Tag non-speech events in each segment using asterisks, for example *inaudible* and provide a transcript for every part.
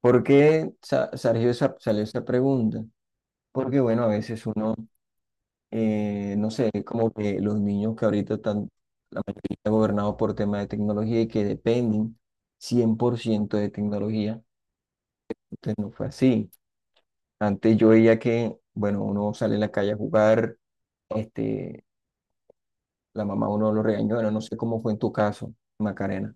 ¿Por qué salió esa pregunta? Porque, bueno, a veces uno, no sé, como que los niños que ahorita están, la mayoría gobernados por temas de tecnología y que dependen 100% de tecnología, entonces no fue así. Antes yo veía que, bueno, uno sale a la calle a jugar, este, la mamá uno lo regañó, bueno, no sé cómo fue en tu caso, Macarena.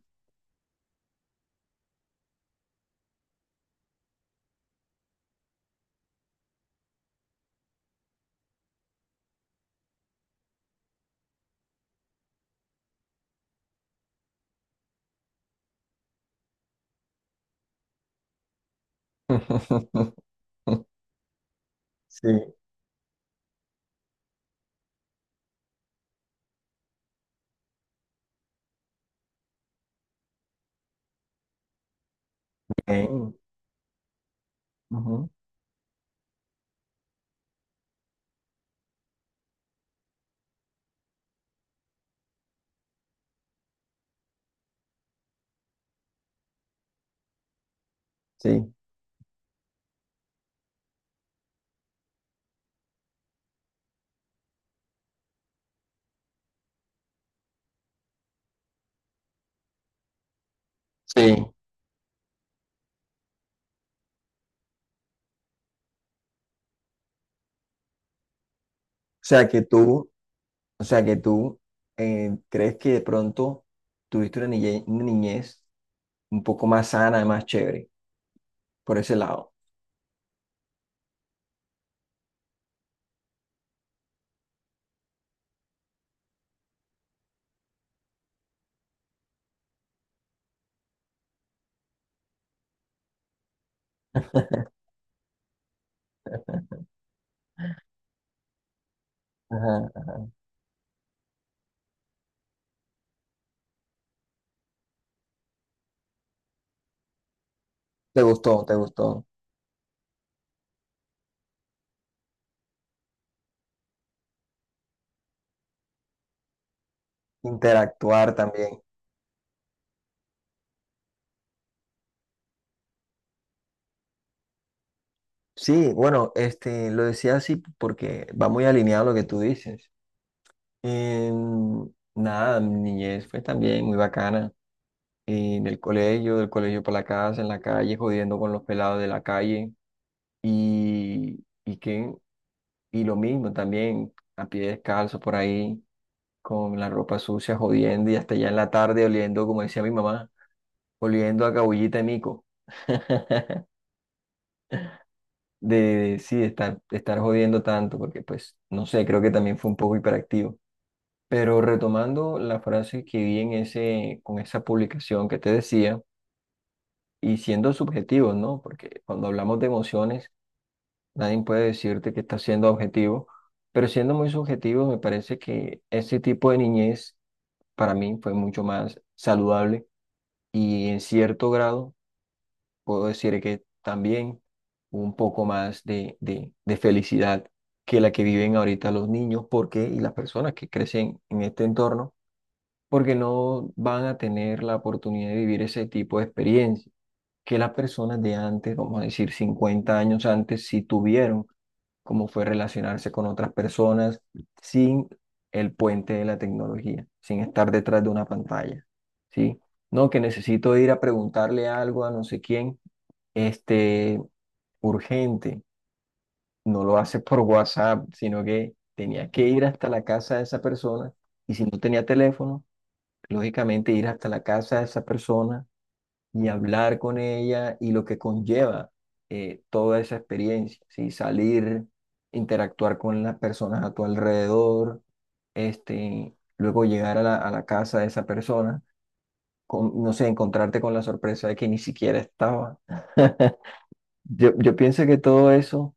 *laughs* Sí. Eh, ujú, sí. Sí. Sea que tú O sea que tú crees que de pronto tuviste una niñez un poco más sana, más chévere, por ese lado. Ajá. Te gustó, te gustó. Interactuar también. Sí, bueno, lo decía así porque va muy alineado a lo que tú dices. Em, nada, mi niñez fue también muy bacana. En el colegio, del colegio para la casa, en la calle, jodiendo con los pelados de la calle. Y, y, qué- y lo mismo también, a pie descalzo por ahí con la ropa sucia, jodiendo y hasta ya en la tarde oliendo, como decía mi mamá, oliendo a cabullita y mico. *laughs* Sí, de estar jodiendo tanto, porque pues, no sé, creo que también fue un poco hiperactivo. Pero retomando la frase que vi en ese, con esa publicación que te decía, y siendo subjetivos, ¿no? Porque cuando hablamos de emociones, nadie puede decirte que está siendo objetivo, pero siendo muy subjetivos, me parece que ese tipo de niñez para mí fue mucho más saludable y en cierto grado puedo decir que también un poco más de felicidad que la que viven ahorita los niños, porque y las personas que crecen en este entorno, porque no van a tener la oportunidad de vivir ese tipo de experiencia que las personas de antes, vamos a decir 50 años antes, sí tuvieron cómo fue relacionarse con otras personas sin el puente de la tecnología, sin estar detrás de una pantalla, ¿sí? No, que necesito ir a preguntarle algo a no sé quién, este, urgente, no lo hace por WhatsApp, sino que tenía que ir hasta la casa de esa persona y si no tenía teléfono, lógicamente ir hasta la casa de esa persona y hablar con ella y lo que conlleva toda esa experiencia, ¿sí? Salir, interactuar con las personas a tu alrededor, luego llegar a a la casa de esa persona, con, no sé, encontrarte con la sorpresa de que ni siquiera estaba. *laughs* Yo pienso que todo eso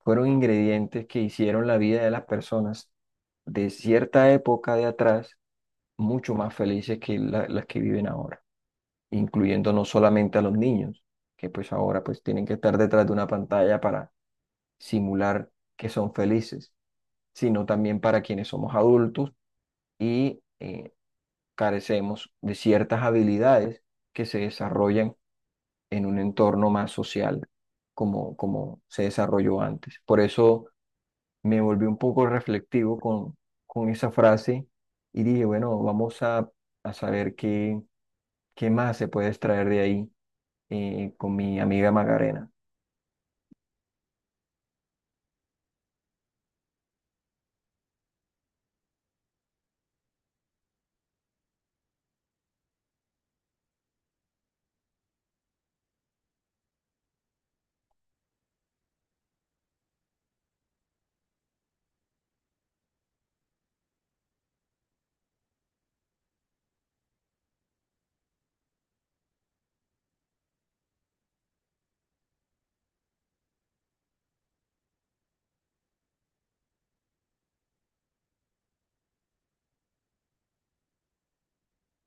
fueron ingredientes que hicieron la vida de las personas de cierta época de atrás mucho más felices que las que viven ahora, incluyendo no solamente a los niños, que pues ahora pues tienen que estar detrás de una pantalla para simular que son felices, sino también para quienes somos adultos y carecemos de ciertas habilidades que se desarrollan en un entorno más social, como, como se desarrolló antes. Por eso me volví un poco reflectivo con esa frase y dije, bueno, vamos a saber qué, qué más se puede extraer de ahí con mi amiga Macarena.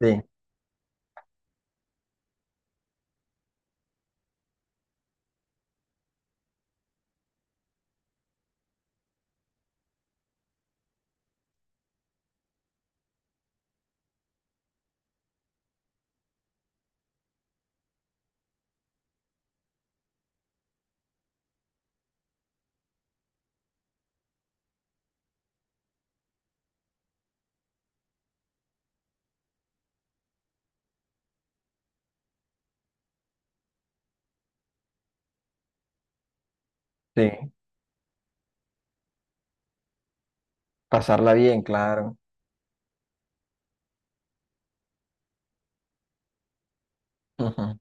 Sí, sí, pasarla bien, claro. Ujú.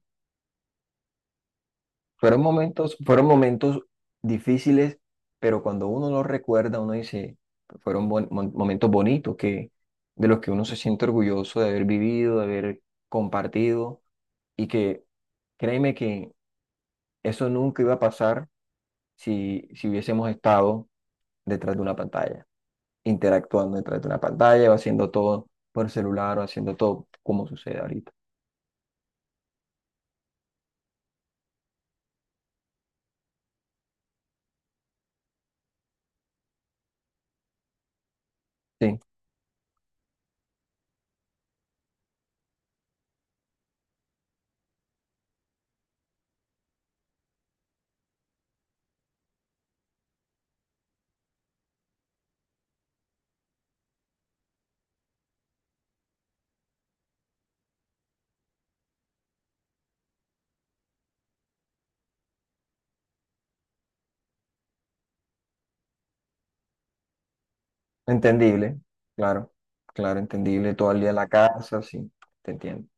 Fueron momentos difíciles, pero cuando uno los recuerda, uno dice, fueron momentos bonitos que, de los que uno se siente orgulloso de haber vivido, de haber compartido y que créeme que eso nunca iba a pasar si, si hubiésemos estado detrás de una pantalla, interactuando detrás de una pantalla o haciendo todo por celular o haciendo todo como sucede ahorita. Sí. Entendible, claro, claro, entendible. Todo el día en la casa, sí, te entiendo.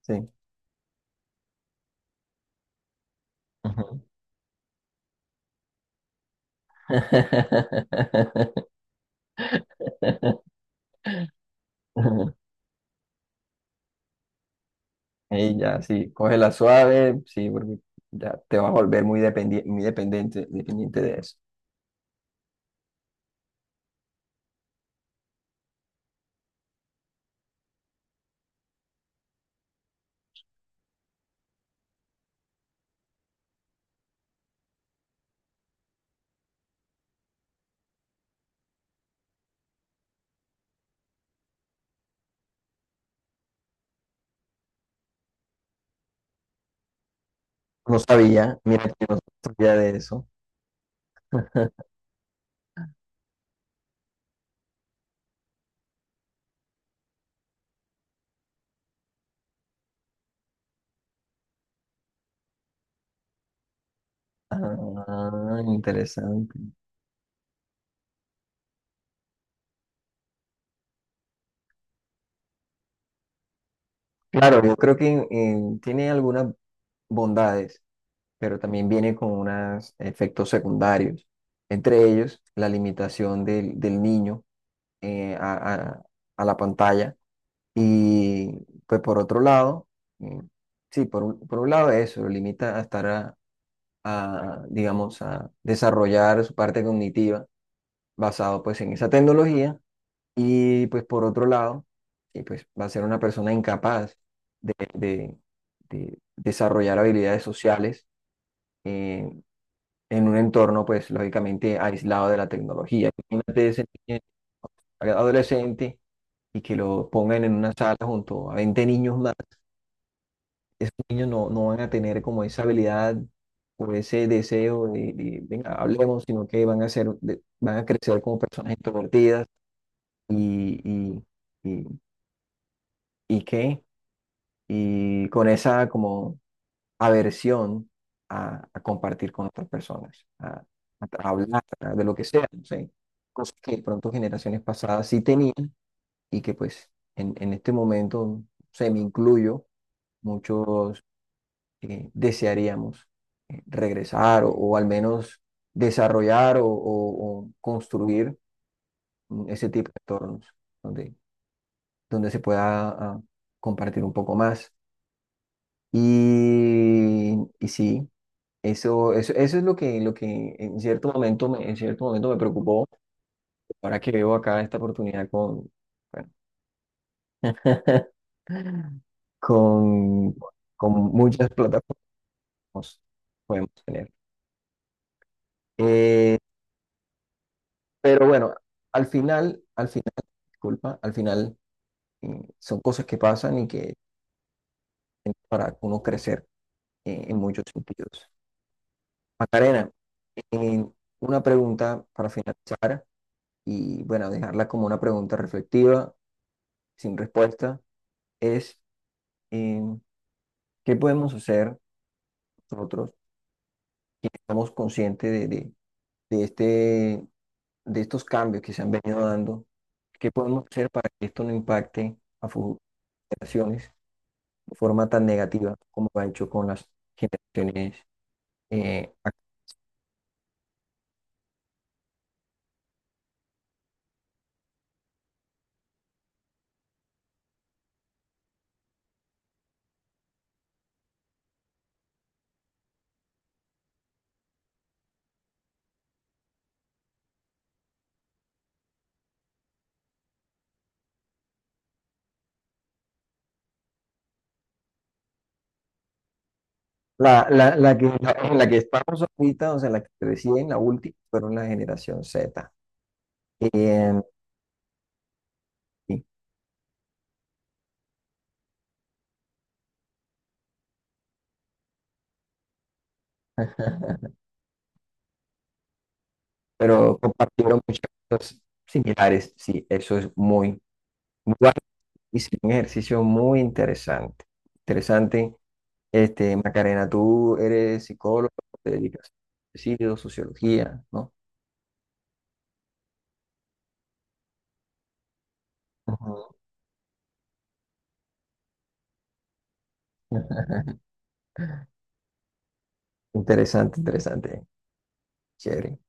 Sí. Ujú. *laughs* Y ya, sí, cógela suave, sí, porque ya te vas a volver muy dependiente, dependiente de eso. No sabía, mira que no sabía de eso. *laughs* Ah, interesante. Claro, yo creo que tiene algunas bondades, pero también viene con unos efectos secundarios, entre ellos la limitación del, del niño eh, a, a- a la pantalla. Y pues por otro lado, mm, sí, por un lado eso, lo limita a estar digamos, a desarrollar su parte cognitiva basado pues en esa tecnología y pues por otro lado, y pues va a ser una persona incapaz de, de desarrollar habilidades sociales eh, en un entorno, pues, lógicamente aislado de la tecnología. Imagínate ese niño adolescente y que lo pongan en una sala junto a 20 niños más. Esos niños no, no van a tener como esa habilidad o ese deseo venga, hablemos, sino que van a ser, van a crecer como personas introvertidas y, y, y, y qué, y con esa como aversión a compartir con otras personas, a, hablar de lo que sea, no sé, cosas que de pronto generaciones pasadas sí tenían y que pues en este momento, se me incluyo, muchos desearíamos regresar o al menos desarrollar o, o construir mm, ese tipo de entornos donde, donde se pueda ah, compartir un poco más. Y sí. Eso es lo que en cierto momento me, en cierto momento me preocupó. Ahora que veo acá esta oportunidad con, bueno, *laughs* con, con muchas plataformas podemos tener. Eh, pero bueno, al final, disculpa, al final son cosas que pasan y que para uno crecer en muchos sentidos. Macarena, eh, una pregunta para finalizar y bueno, dejarla como una pregunta reflexiva, sin respuesta. Es eh, qué podemos hacer nosotros que estamos conscientes de este, de estos cambios que se han venido dando, qué podemos hacer para que esto no impacte a futuras generaciones de forma tan negativa como lo ha hecho con las generaciones eh, ac- la, la que, en la que estamos ahorita, o sea, la que recién, la última, fueron la generación Z. Eh, sí. *laughs* Pero compartieron muchas cosas similares, sí, eso es muy... muy válido. Hice un ejercicio muy interesante. Interesante. Este, Macarena, tú eres psicólogo, te dedicas a suicidio, sociología, ¿no? Ujú. *laughs* Interesante, interesante. Chévere.